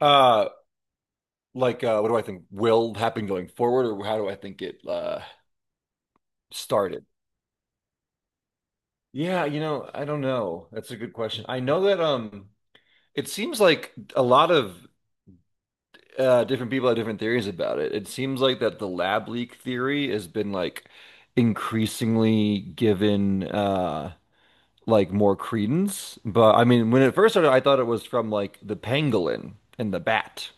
Uh, what do I think will happen going forward, or how do I think it started? Yeah, you know, I don't know. That's a good question. I know that it seems like a lot of different people have different theories about it. It seems like that the lab leak theory has been like increasingly given like more credence. But I mean, when it first started, I thought it was from like the pangolin and the bat.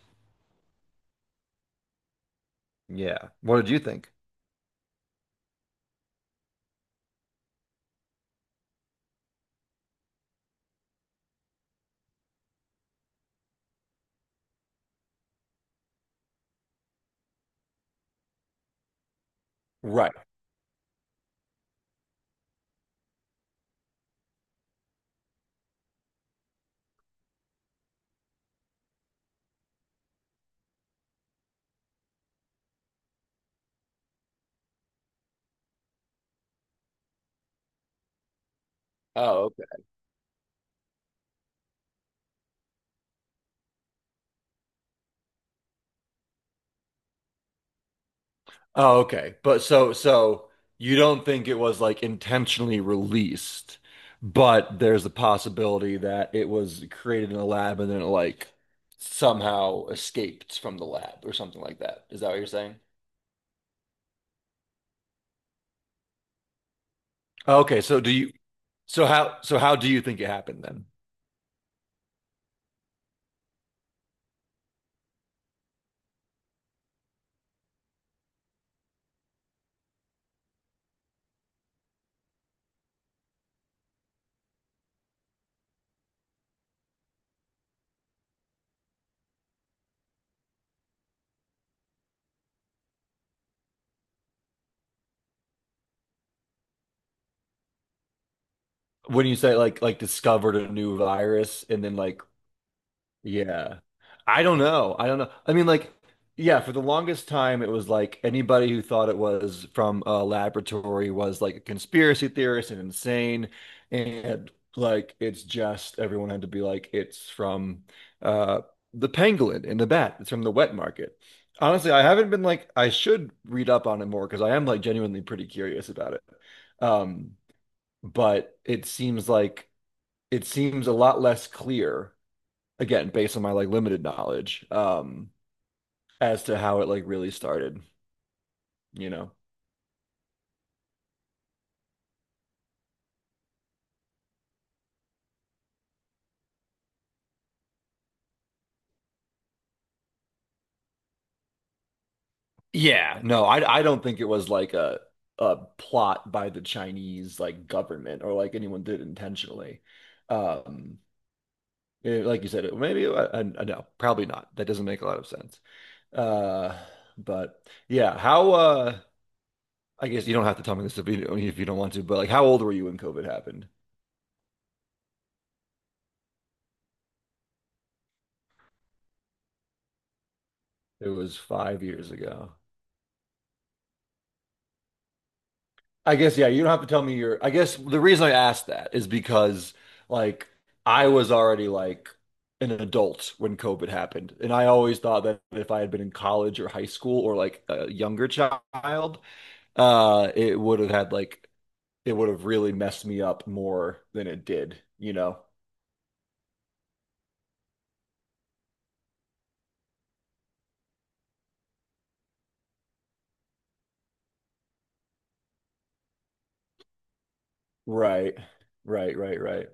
Yeah. What did you think? Right. Oh, oh, okay. But so you don't think it was like intentionally released, but there's the possibility that it was created in a lab and then it like somehow escaped from the lab or something like that. Is that what you're saying? Okay, so do you so how do you think it happened then? When you say like discovered a new virus and then like. Yeah. I don't know. I don't know. I mean, yeah, for the longest time, it was like anybody who thought it was from a laboratory was like a conspiracy theorist and insane. And like, it's just everyone had to be like, it's from uh, the pangolin and the bat. It's from the wet market. Honestly, I haven't been like, I should read up on it more because I am like genuinely pretty curious about it. Um, but it seems like it seems a lot less clear again, based on my like limited knowledge, as to how it like really started, you know. Yeah. No, I don't think it was like a plot by the Chinese like government or like anyone did intentionally. Um, like you said, maybe no, probably not. That doesn't make a lot of sense. Uh, but yeah, how I guess you don't have to tell me this if if you don't want to, but like how old were you when COVID happened? It was 5 years ago. I guess, yeah, you don't have to tell me your. I guess the reason I asked that is because, like, I was already like an adult when COVID happened. And I always thought that if I had been in college or high school or like a younger child, it would have had like, it would have really messed me up more than it did, you know? Right. Right, right, right.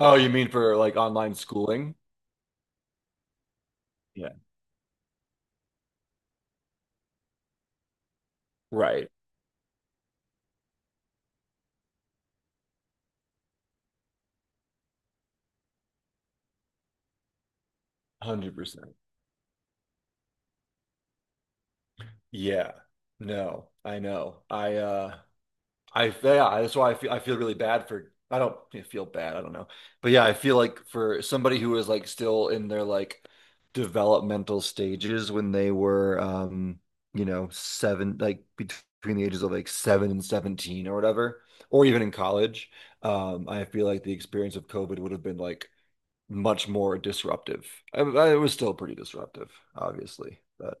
Oh, you mean for like online schooling? Yeah. Right. 100%. Yeah. No, I know. I yeah, that's why I feel really bad for I don't yeah, feel bad, I don't know. But yeah, I feel like for somebody who is like still in their like developmental stages when they were you know, seven like between the ages of like seven and 17 or whatever, or even in college, I feel like the experience of COVID would have been like much more disruptive. It was still pretty disruptive, obviously, but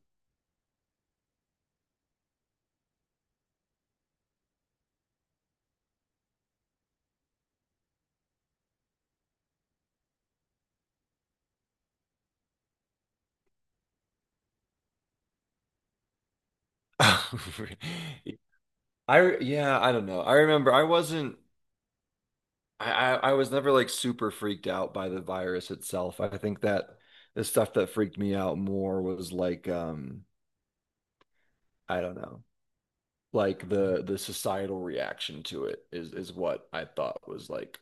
I yeah, I don't know. I remember I wasn't I was never like super freaked out by the virus itself. I think that the stuff that freaked me out more was like I don't know, like the societal reaction to it is what I thought was like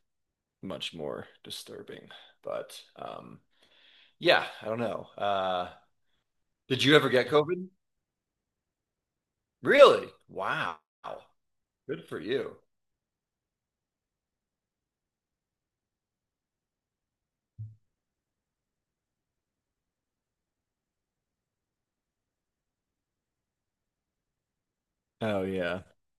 much more disturbing. But yeah, I don't know. Did you ever get COVID? Really? Wow. Good for you. Oh yeah.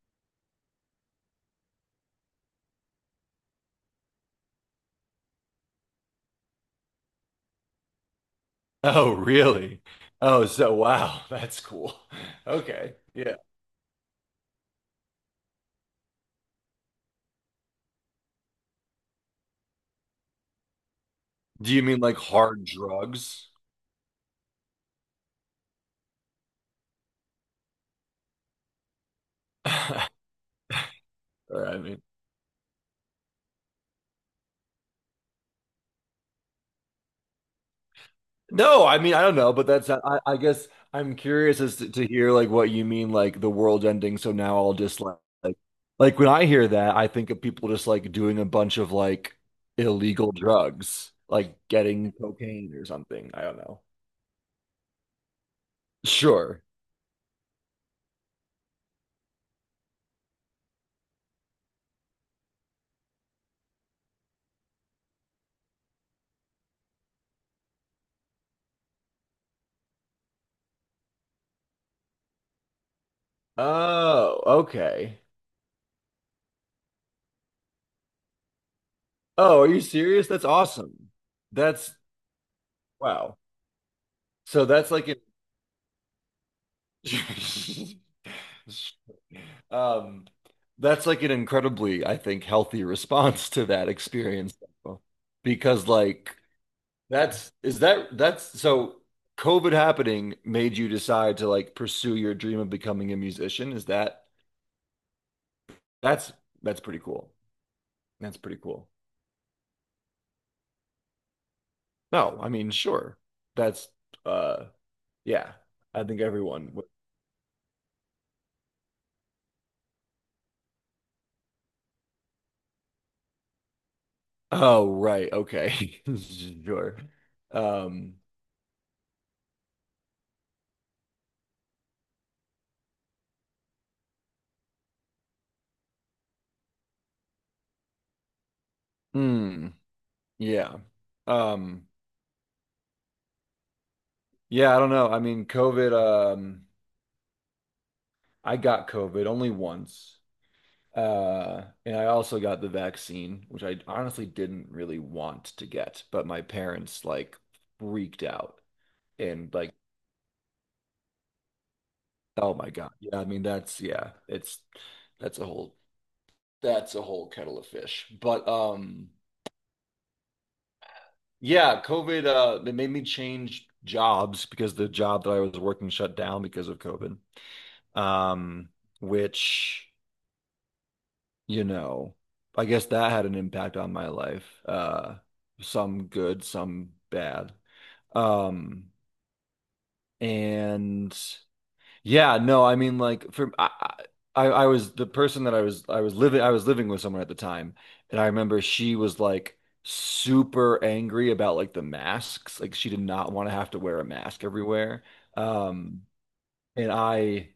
Oh really? Oh so wow, that's cool. Okay. Yeah. Do you mean like hard drugs? Or, I mean, no, I mean, I don't know, but I guess I'm curious as to hear like what you mean, like the world ending. So now I'll just like, like when I hear that, I think of people just like doing a bunch of like illegal drugs, like getting cocaine or something. I don't know. Sure. Oh, okay. Oh, are you serious? That's awesome. That's wow. So that's like um, that's like an incredibly, I think, healthy response to that experience. Though. Because like that's is that that's so COVID happening made you decide to like pursue your dream of becoming a musician. Is that that's that's pretty cool. That's pretty cool. No, I mean, sure. That's uh yeah. I think everyone would. Oh, right. Okay. Sure. Um, hmm. Yeah. Um, yeah, I don't know. I mean, COVID, um, I got COVID only once. And I also got the vaccine, which I honestly didn't really want to get, but my parents like freaked out and like, oh my God. Yeah, I mean that's yeah, it's that's a whole that's a whole kettle of fish. But yeah, COVID it made me change jobs because the job that I was working shut down because of COVID. Um which you know, I guess that had an impact on my life. Some good, some bad. Um, and yeah, no, I mean, like for I was the person that I was living with someone at the time, and I remember she was like super angry about like the masks. Like she did not want to have to wear a mask everywhere. Um, and I.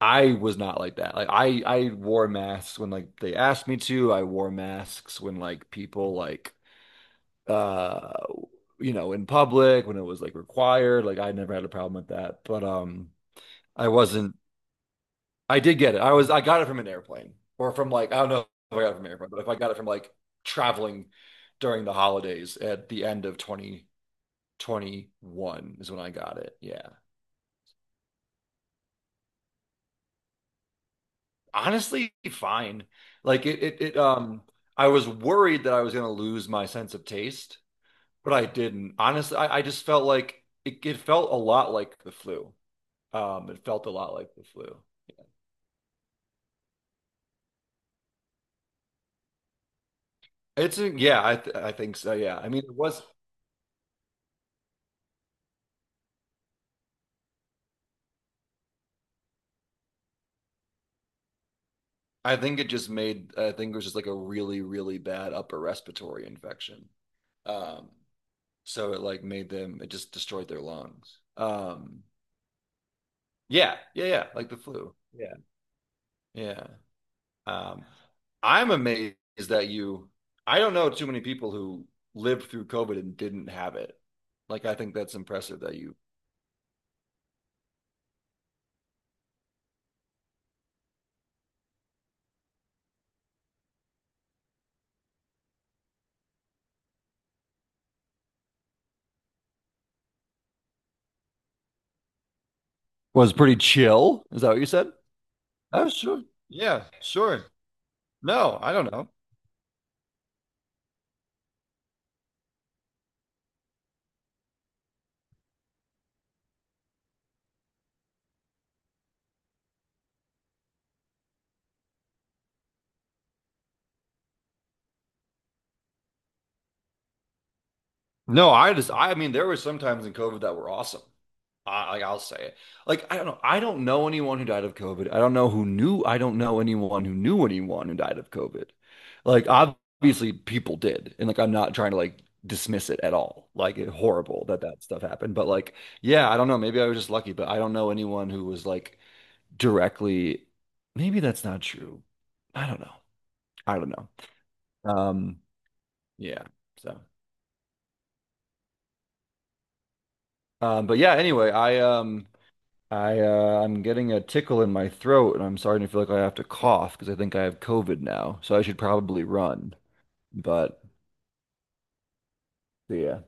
I was not like that. Like I wore masks when like they asked me to. I wore masks when like people like uh you know in public when it was like required. Like I never had a problem with that. But I wasn't I did get it. I was I got it from an airplane or from like I don't know if I got it from an airplane, but if I got it from like traveling during the holidays at the end of 2021 is when I got it. Yeah. Honestly, fine. Like it, I was worried that I was going to lose my sense of taste, but I didn't. Honestly, I just felt like it felt a lot like the flu. It felt a lot like the flu. It's a, yeah, th I think so. Yeah. I mean, it was, I think it just made, I think it was just like a really, really bad upper respiratory infection. Um, so it like made them, it just destroyed their lungs. Yeah, yeah, yeah, like the flu. Yeah. Yeah. Um, I'm amazed that you, I don't know too many people who lived through COVID and didn't have it. Like, I think that's impressive that you was pretty chill. Is that what you said? Oh, sure. Yeah, sure. No, I don't know. No, I just, I mean, there were some times in COVID that were awesome. Like I'll say it. Like I don't know. I don't know anyone who died of COVID. I don't know who knew. I don't know anyone who knew anyone who died of COVID. Like obviously people did, and like I'm not trying to like dismiss it at all. Like it, horrible that that stuff happened. But like yeah, I don't know. Maybe I was just lucky, but I don't know anyone who was like directly. Maybe that's not true. I don't know. I don't know. Um, yeah. So, but yeah. Anyway, I. I I'm getting a tickle in my throat, and I'm starting to feel like I have to cough because I think I have COVID now. So I should probably run. But yeah.